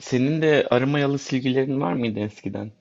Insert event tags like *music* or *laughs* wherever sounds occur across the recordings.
Senin de arı mayalı silgilerin var mıydı eskiden?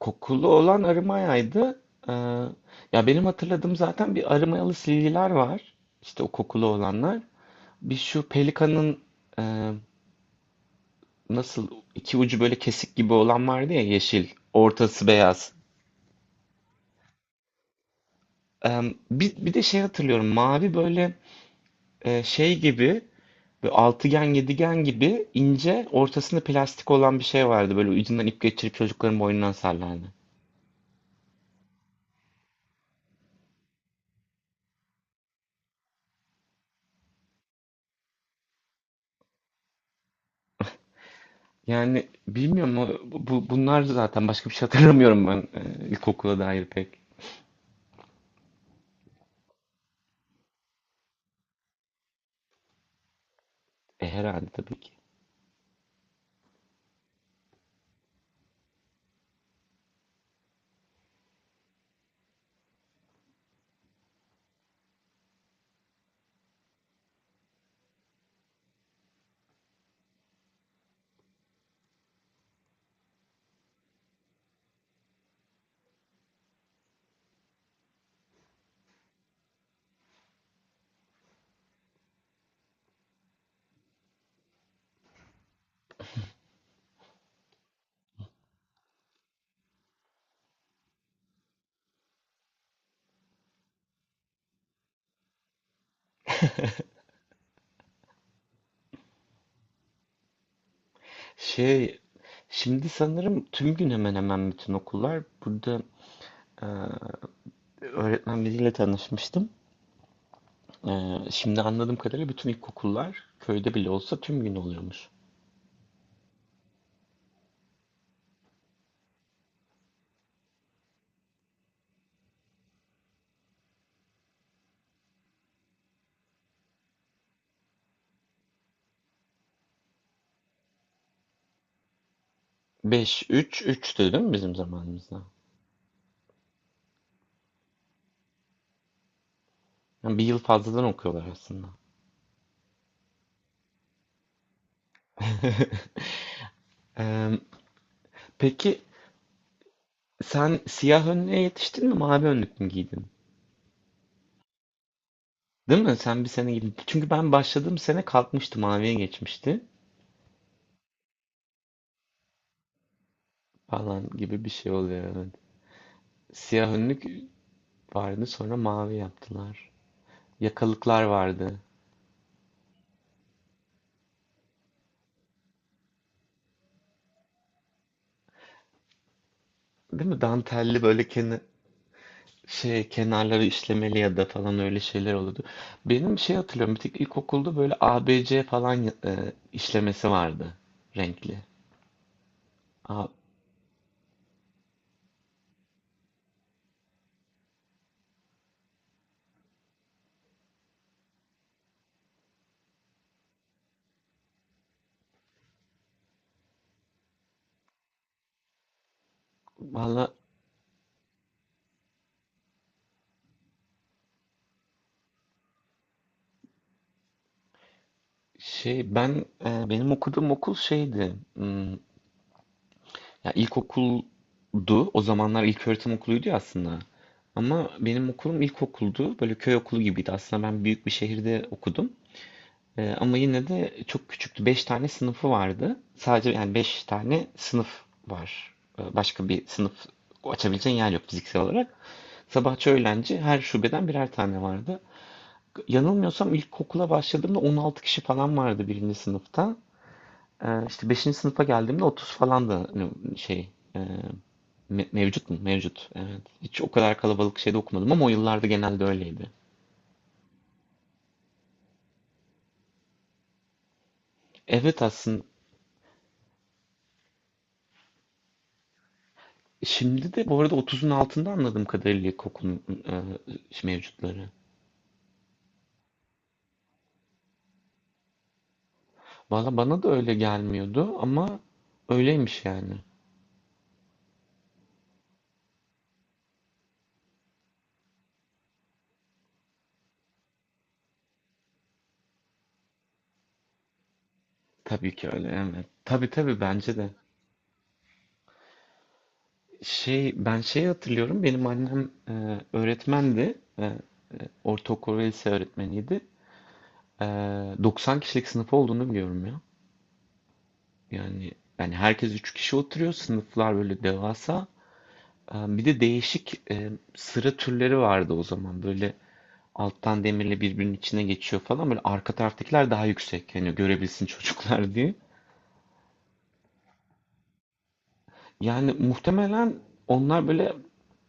Kokulu olan arı mayaydı. Ee, ya benim hatırladığım zaten bir arı mayalı silgiler var. İşte o kokulu olanlar. Bir şu pelikanın e, nasıl iki ucu böyle kesik gibi olan vardı ya, yeşil. Ortası beyaz. Ee, bir de şey hatırlıyorum. Mavi böyle şey gibi böyle altıgen yedigen gibi ince ortasında plastik olan bir şey vardı. Böyle ucundan ip geçirip çocukların boynundan sallardı. Yani bilmiyorum, o- bu bunlar zaten başka bir şey hatırlamıyorum ben, ilkokula dair pek. Herhalde tabii ki. Şey şimdi sanırım tüm gün hemen hemen bütün okullar burada, e, öğretmen biriyle tanışmıştım. E, şimdi anladığım kadarıyla bütün ilkokullar köyde bile olsa tüm gün oluyormuş. Beş üç üç değil mi bizim zamanımızda? Yani bir yıl fazladan okuyorlar aslında. *laughs* E, peki sen siyah önlüğe yetiştin mi, mavi önlük mü giydin? Değil mi? Sen bir sene gibi. Çünkü ben başladığım sene kalkmıştı, maviye geçmişti falan gibi bir şey oluyor. Evet. Siyah önlük vardı, sonra mavi yaptılar. Yakalıklar vardı. Değil mi? Dantelli böyle kenarları işlemeli ya da falan öyle şeyler olurdu. Benim şey hatırlıyorum. Bir tek ilkokulda böyle A B C falan işlemesi vardı, renkli. Aa, valla, benim okuduğum okul şeydi. Ya ilkokuldu. O zamanlar ilköğretim okuluydu ya aslında. Ama benim okulum ilkokuldu. Böyle köy okulu gibiydi. Aslında ben büyük bir şehirde okudum. Ama yine de çok küçüktü. Beş tane sınıfı vardı. Sadece yani beş tane sınıf var. Başka bir sınıf açabileceğin yer yok fiziksel olarak. Sabahçı öğlenci her şubeden birer tane vardı. Yanılmıyorsam ilkokula başladığımda 16 kişi falan vardı birinci sınıfta. İşte 5. sınıfa geldiğimde 30 falan, da hani e, mevcut mu? Mevcut. Evet. Hiç o kadar kalabalık şeyde okumadım ama o yıllarda genelde öyleydi. Evet aslında şimdi de bu arada 30'un altında anladığım kadarıyla ilkokulun, mevcutları. Valla bana da öyle gelmiyordu ama öyleymiş yani. Tabii ki öyle, evet. Tabii tabii, bence de. Ben şeyi hatırlıyorum, benim annem öğretmendi. Ortaokul ve lise öğretmeniydi. 90 kişilik sınıf olduğunu biliyorum ya. Yani yani herkes 3 kişi oturuyor. Sınıflar böyle devasa. Bir de değişik, sıra türleri vardı o zaman. Böyle alttan demirle birbirinin içine geçiyor falan. Böyle arka taraftakiler daha yüksek. Hani görebilsin *laughs* çocuklar diye. Yani muhtemelen onlar böyle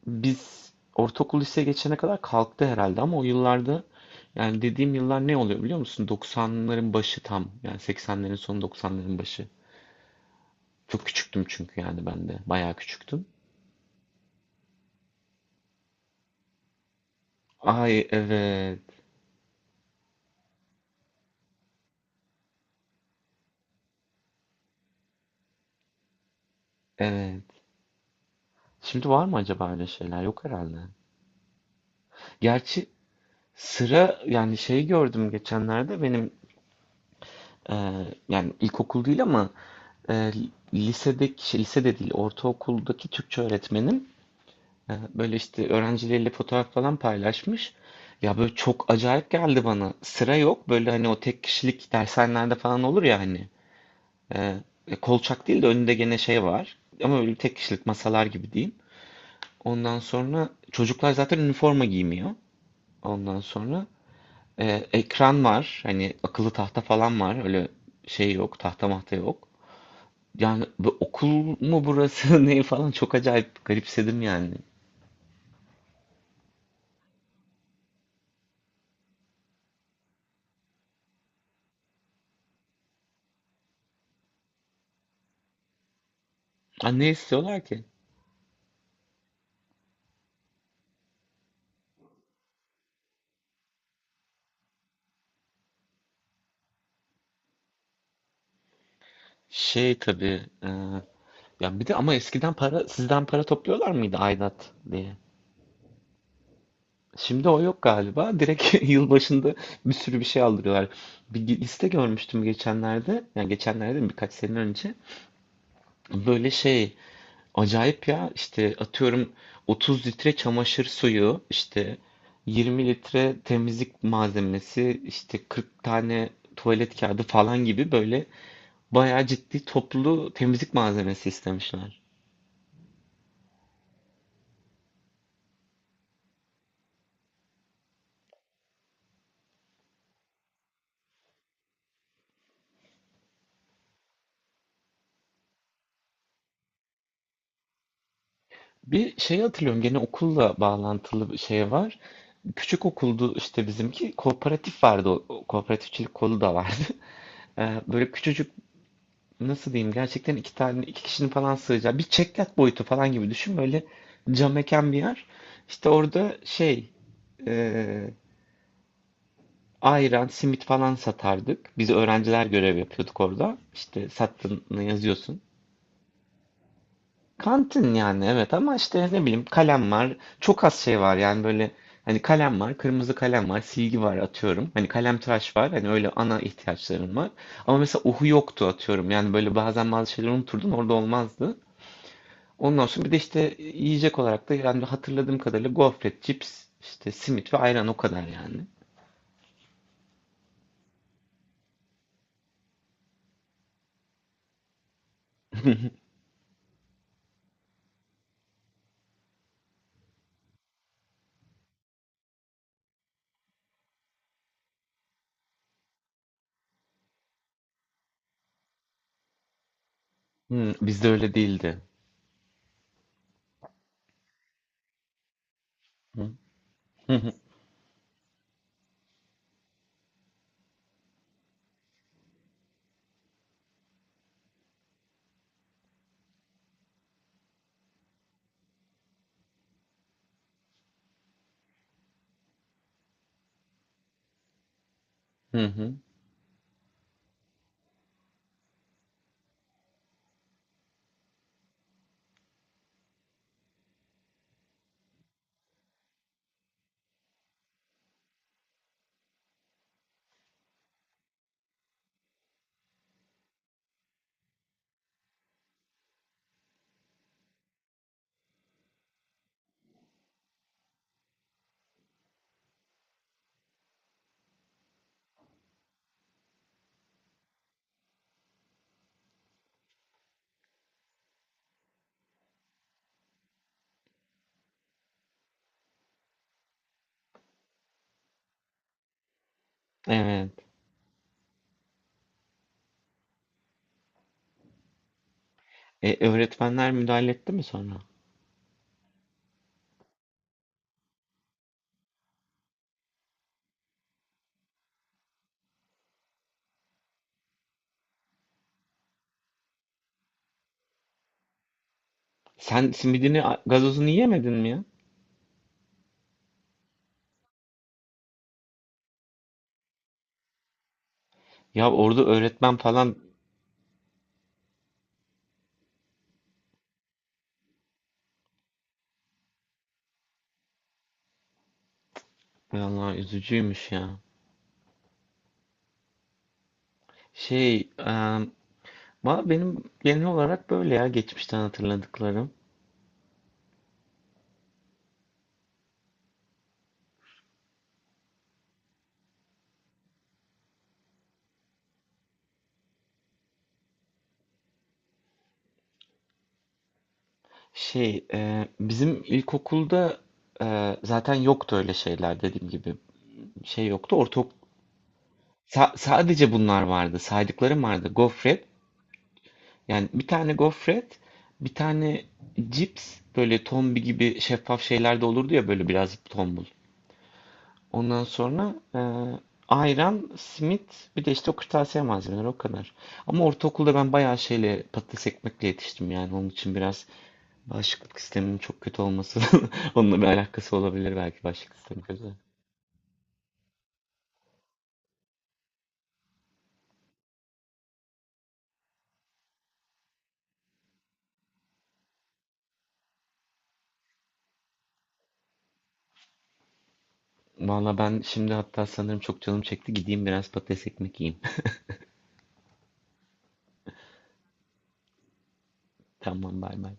biz ortaokul liseye geçene kadar kalktı herhalde ama o yıllarda, yani dediğim yıllar ne oluyor biliyor musun? 90'ların başı tam. Yani 80'lerin sonu, 90'ların başı. Çok küçüktüm çünkü yani ben de. Bayağı küçüktüm. Ay evet. Evet. Şimdi var mı acaba öyle şeyler? Yok herhalde. Gerçi sıra, yani gördüm geçenlerde benim, e, yani ilkokul değil ama, e, lisedeki lise de değil, ortaokuldaki Türkçe öğretmenim, böyle işte öğrencileriyle fotoğraf falan paylaşmış. Ya böyle çok acayip geldi bana. Sıra yok böyle, hani o tek kişilik dershanelerde falan olur ya hani. E, kolçak değil de önünde gene şey var. Ama böyle tek kişilik masalar gibi diyeyim. Ondan sonra çocuklar zaten üniforma giymiyor. Ondan sonra ekran var. Hani akıllı tahta falan var. Öyle şey yok. Tahta mahta yok. Yani bu okul mu burası *laughs* ne falan, çok acayip garipsedim yani. Ha, ne istiyorlar ki? Tabii. Ya bir de ama eskiden sizden para topluyorlar mıydı aidat diye? Şimdi o yok galiba. Direkt *laughs* yıl başında bir sürü bir şey aldırıyorlar. Bir liste görmüştüm geçenlerde. Yani geçenlerde mi, birkaç sene önce. Böyle acayip ya, işte atıyorum 30 litre çamaşır suyu, işte 20 litre temizlik malzemesi, işte 40 tane tuvalet kağıdı falan gibi, böyle bayağı ciddi toplu temizlik malzemesi istemişler. Bir şey hatırlıyorum, gene okulla bağlantılı bir şey var. Küçük okuldu işte bizimki, kooperatif vardı, o kooperatifçilik kolu da vardı. *laughs* Böyle küçücük, nasıl diyeyim, gerçekten iki tane iki kişinin falan sığacağı bir çeklat boyutu falan gibi düşün, böyle cam mekan bir yer. İşte orada e, ayran, simit falan satardık. Biz öğrenciler görev yapıyorduk orada. İşte sattığını yazıyorsun. Kantin yani evet, ama işte ne bileyim kalem var. Çok az şey var yani, böyle hani kalem var, kırmızı kalem var, silgi var atıyorum. Hani kalem tıraş var. Hani öyle ana ihtiyaçlarım var. Ama mesela uhu yoktu atıyorum. Yani böyle bazen bazı şeyleri unuturdum, orada olmazdı. Ondan sonra bir de işte yiyecek olarak da yani hatırladığım kadarıyla gofret, cips, işte simit ve ayran, o kadar yani. Bizde öyle değildi. Hı hı hı. Hı hı. Evet. Öğretmenler müdahale etti mi sonra? Sen simidini, gazozunu yiyemedin mi ya? Ya orada öğretmen falan, vallahi üzücüymüş ya. Şey, e, valla benim genel olarak böyle ya geçmişten hatırladıklarım. Bizim ilkokulda zaten yoktu öyle şeyler, dediğim gibi. Şey yoktu. Sadece bunlar vardı. Saydıklarım vardı. Gofret. Yani bir tane gofret, bir tane cips, böyle tombi gibi şeffaf şeyler de olurdu ya, böyle biraz tombul. Ondan sonra ayran, simit, bir de işte o kırtasiye malzemeleri, o kadar. Ama ortaokulda ben bayağı şeyle patates ekmekle yetiştim yani, onun için biraz, bağışıklık sistemin çok kötü olması, *laughs* onunla bir alakası olabilir belki, bağışıklık sistemi kötü. Valla ben şimdi hatta sanırım çok canım çekti. Gideyim biraz patates ekmek yiyeyim. Tamam, bay bay.